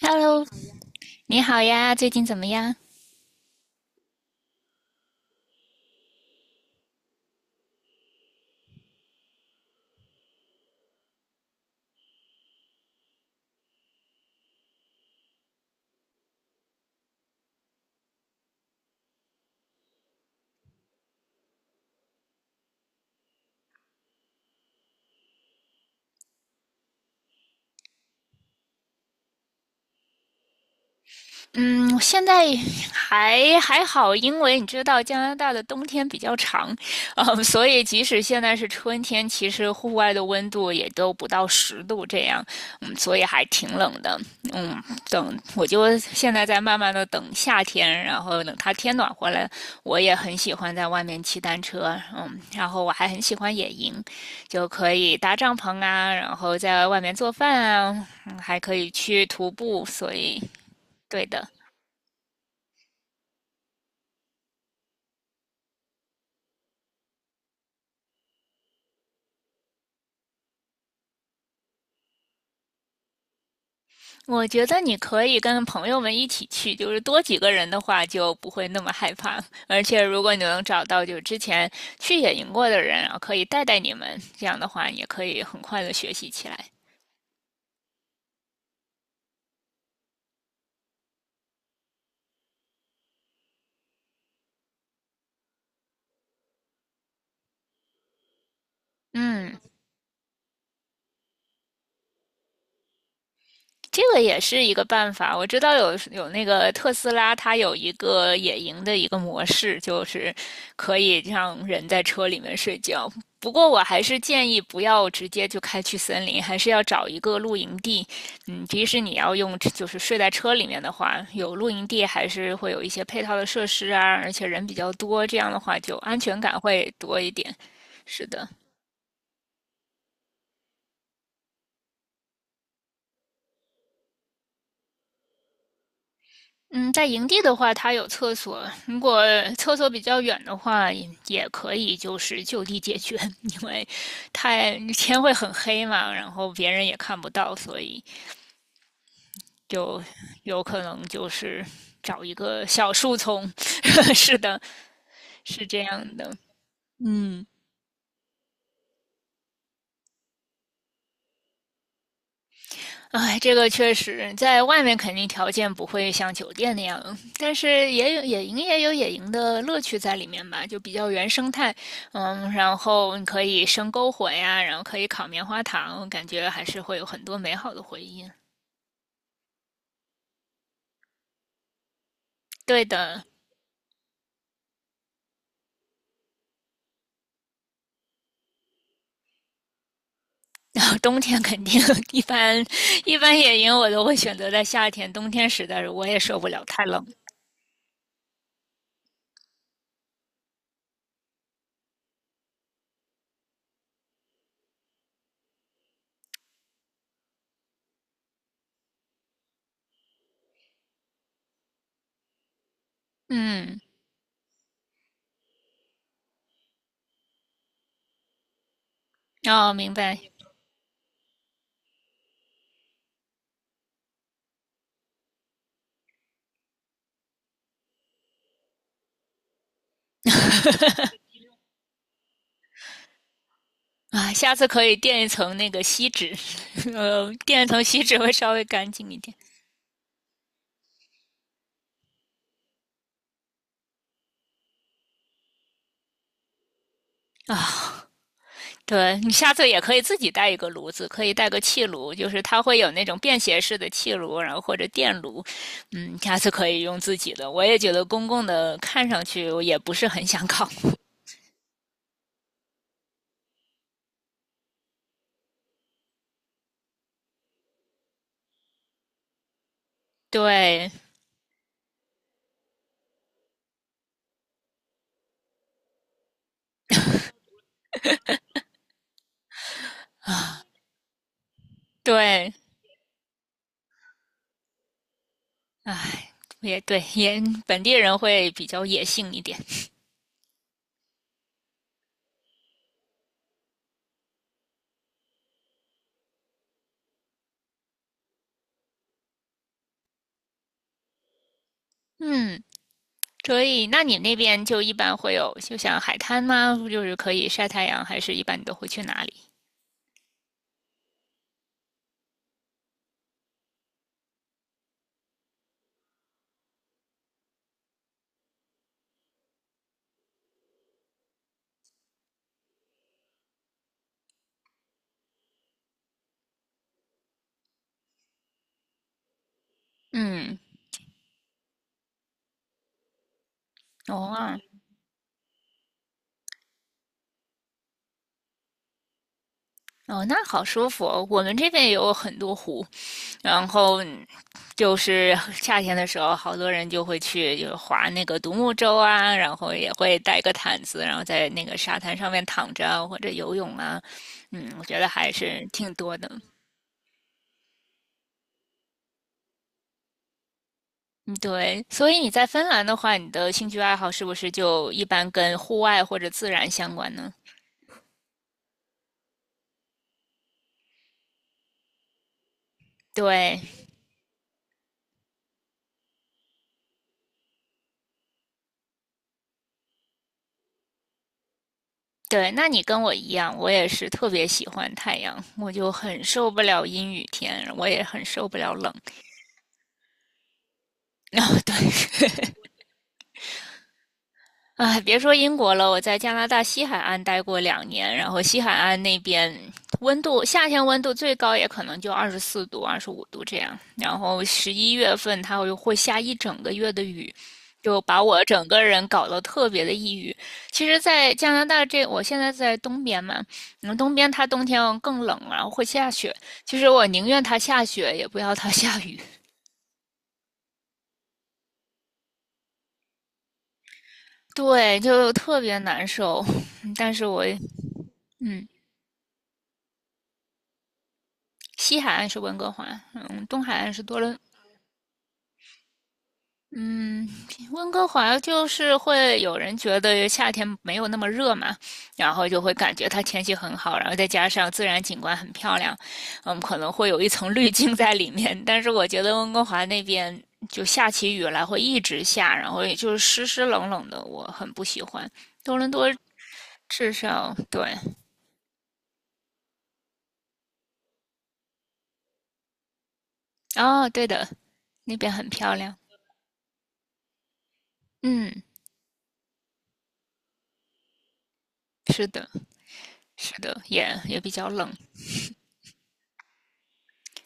Hello,你好呀，最近怎么样？嗯，现在还好，因为你知道加拿大的冬天比较长，所以即使现在是春天，其实户外的温度也都不到10度这样，所以还挺冷的。嗯，就现在在慢慢的等夏天，然后等它天暖和了，我也很喜欢在外面骑单车，然后我还很喜欢野营，就可以搭帐篷啊，然后在外面做饭啊，还可以去徒步，所以对的。我觉得你可以跟朋友们一起去，就是多几个人的话就不会那么害怕。而且如果你能找到就之前去野营过的人啊，然后可以带你们，这样的话也可以很快的学习起来。嗯。这个也是一个办法。我知道有那个特斯拉，它有一个野营的一个模式，就是可以让人在车里面睡觉。不过我还是建议不要直接就开去森林，还是要找一个露营地。即使你要用就是睡在车里面的话，有露营地还是会有一些配套的设施啊，而且人比较多，这样的话就安全感会多一点。是的。嗯，在营地的话，它有厕所。如果厕所比较远的话，也可以就是就地解决，因为太天会很黑嘛，然后别人也看不到，所以就有可能就是找一个小树丛。是的，是这样的。嗯。哎，这个确实，在外面肯定条件不会像酒店那样，但是也有野营的乐趣在里面吧，就比较原生态。然后你可以生篝火呀，然后可以烤棉花糖，感觉还是会有很多美好的回忆。对的，然后冬天肯定 一般，一般野营我都会选择在夏天，冬天实在是我也受不了，太冷。嗯，哦，明白。啊，下次可以垫一层那个锡纸，垫一层锡纸会稍微干净一点。啊，对你下次也可以自己带一个炉子，可以带个气炉，就是它会有那种便携式的气炉，然后或者电炉，下次可以用自己的。我也觉得公共的看上去我也不是很想搞，对。对，唉，也对，也本地人会比较野性一点，嗯。所以，那你那边就一般会有，就像海滩吗？就是可以晒太阳，还是一般你都会去哪里？嗯，哦啊，哦，那好舒服哦。我们这边也有很多湖，然后就是夏天的时候，好多人就会去就划那个独木舟啊，然后也会带个毯子，然后在那个沙滩上面躺着啊或者游泳啊。嗯，我觉得还是挺多的。嗯，对。所以你在芬兰的话，你的兴趣爱好是不是就一般跟户外或者自然相关呢？对。对，那你跟我一样，我也是特别喜欢太阳，我就很受不了阴雨天，我也很受不了冷。然后对。哎，别说英国了，我在加拿大西海岸待过2年，然后西海岸那边温度，夏天温度最高也可能就24度、25度这样，然后11月份它会下一整个月的雨，就把我整个人搞得特别的抑郁。其实，在加拿大这，我现在在东边嘛，东边它冬天更冷，然后会下雪。其实我宁愿它下雪，也不要它下雨。对，就特别难受。但是我，嗯。西海岸是温哥华，东海岸是多伦，嗯，温哥华就是会有人觉得夏天没有那么热嘛，然后就会感觉它天气很好，然后再加上自然景观很漂亮，可能会有一层滤镜在里面。但是我觉得温哥华那边就下起雨来会一直下，然后也就是湿湿冷冷的，我很不喜欢。多伦多至少对。哦，对的，那边很漂亮，嗯，是的，是的，也也比较冷。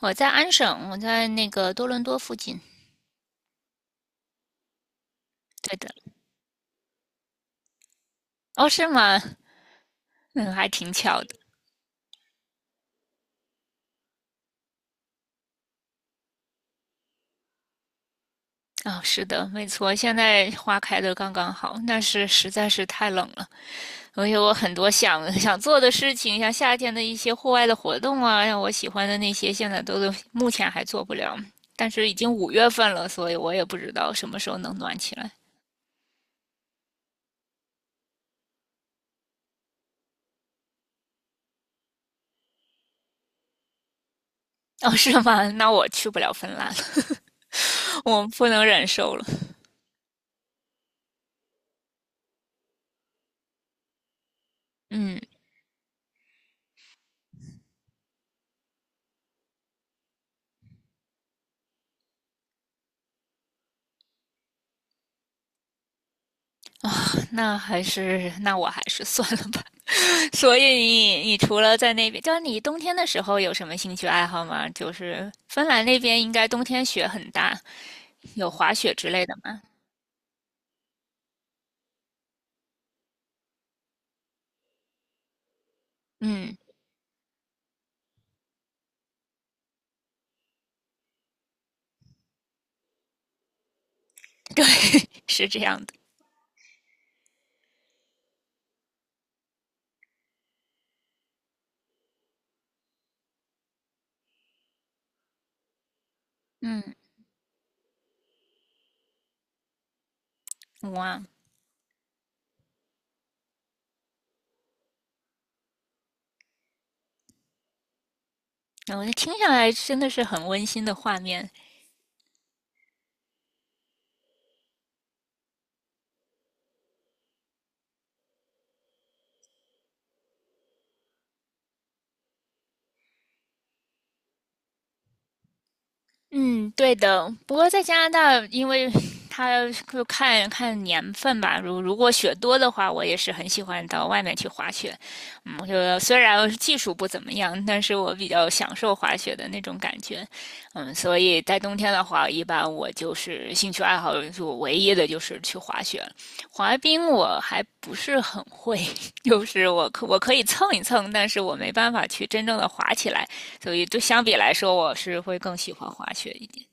我在安省，我在那个多伦多附近。对的，哦，是吗？嗯，还挺巧的。啊、是的，没错，现在花开的刚刚好，但是实在是太冷了。我很多想做的事情，像夏天的一些户外的活动啊，像我喜欢的那些，现在目前还做不了。但是已经5月份了，所以我也不知道什么时候能暖起来。哦，是吗？那我去不了芬兰了，我不能忍受了。嗯，那我还是算了吧。所以你除了在那边，就是你冬天的时候有什么兴趣爱好吗？就是芬兰那边应该冬天雪很大，有滑雪之类的吗？嗯，对，是这样的。嗯，哇，我听下来真的是很温馨的画面。嗯，对的。不过在加拿大，因为 它就看看年份吧。如果雪多的话，我也是很喜欢到外面去滑雪。我就虽然技术不怎么样，但是我比较享受滑雪的那种感觉。所以在冬天的话，一般我就是兴趣爱好，就唯一的就是去滑雪。滑冰我还不是很会，就是我可以蹭一蹭，但是我没办法去真正的滑起来。所以对相比来说，我是会更喜欢滑雪一点。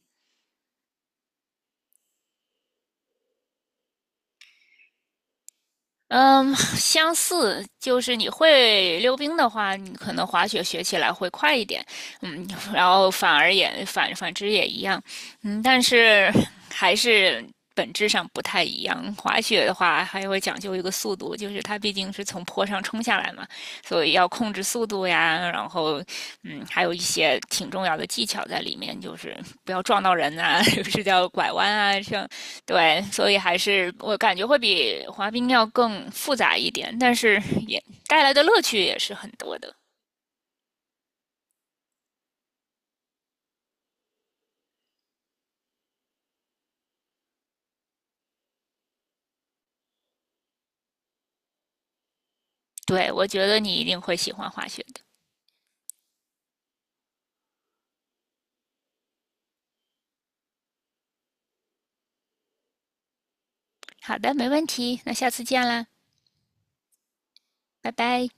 嗯，相似就是你会溜冰的话，你可能滑雪学起来会快一点，嗯，然后反之也一样，嗯，但是还是本质上不太一样。滑雪的话，还会讲究一个速度，就是它毕竟是从坡上冲下来嘛，所以要控制速度呀，然后还有一些挺重要的技巧在里面，就是不要撞到人啊，就是叫拐弯啊，像对，所以还是我感觉会比滑冰要更复杂一点，但是也带来的乐趣也是很多的。对，我觉得你一定会喜欢滑雪的。好的，没问题，那下次见啦，拜拜。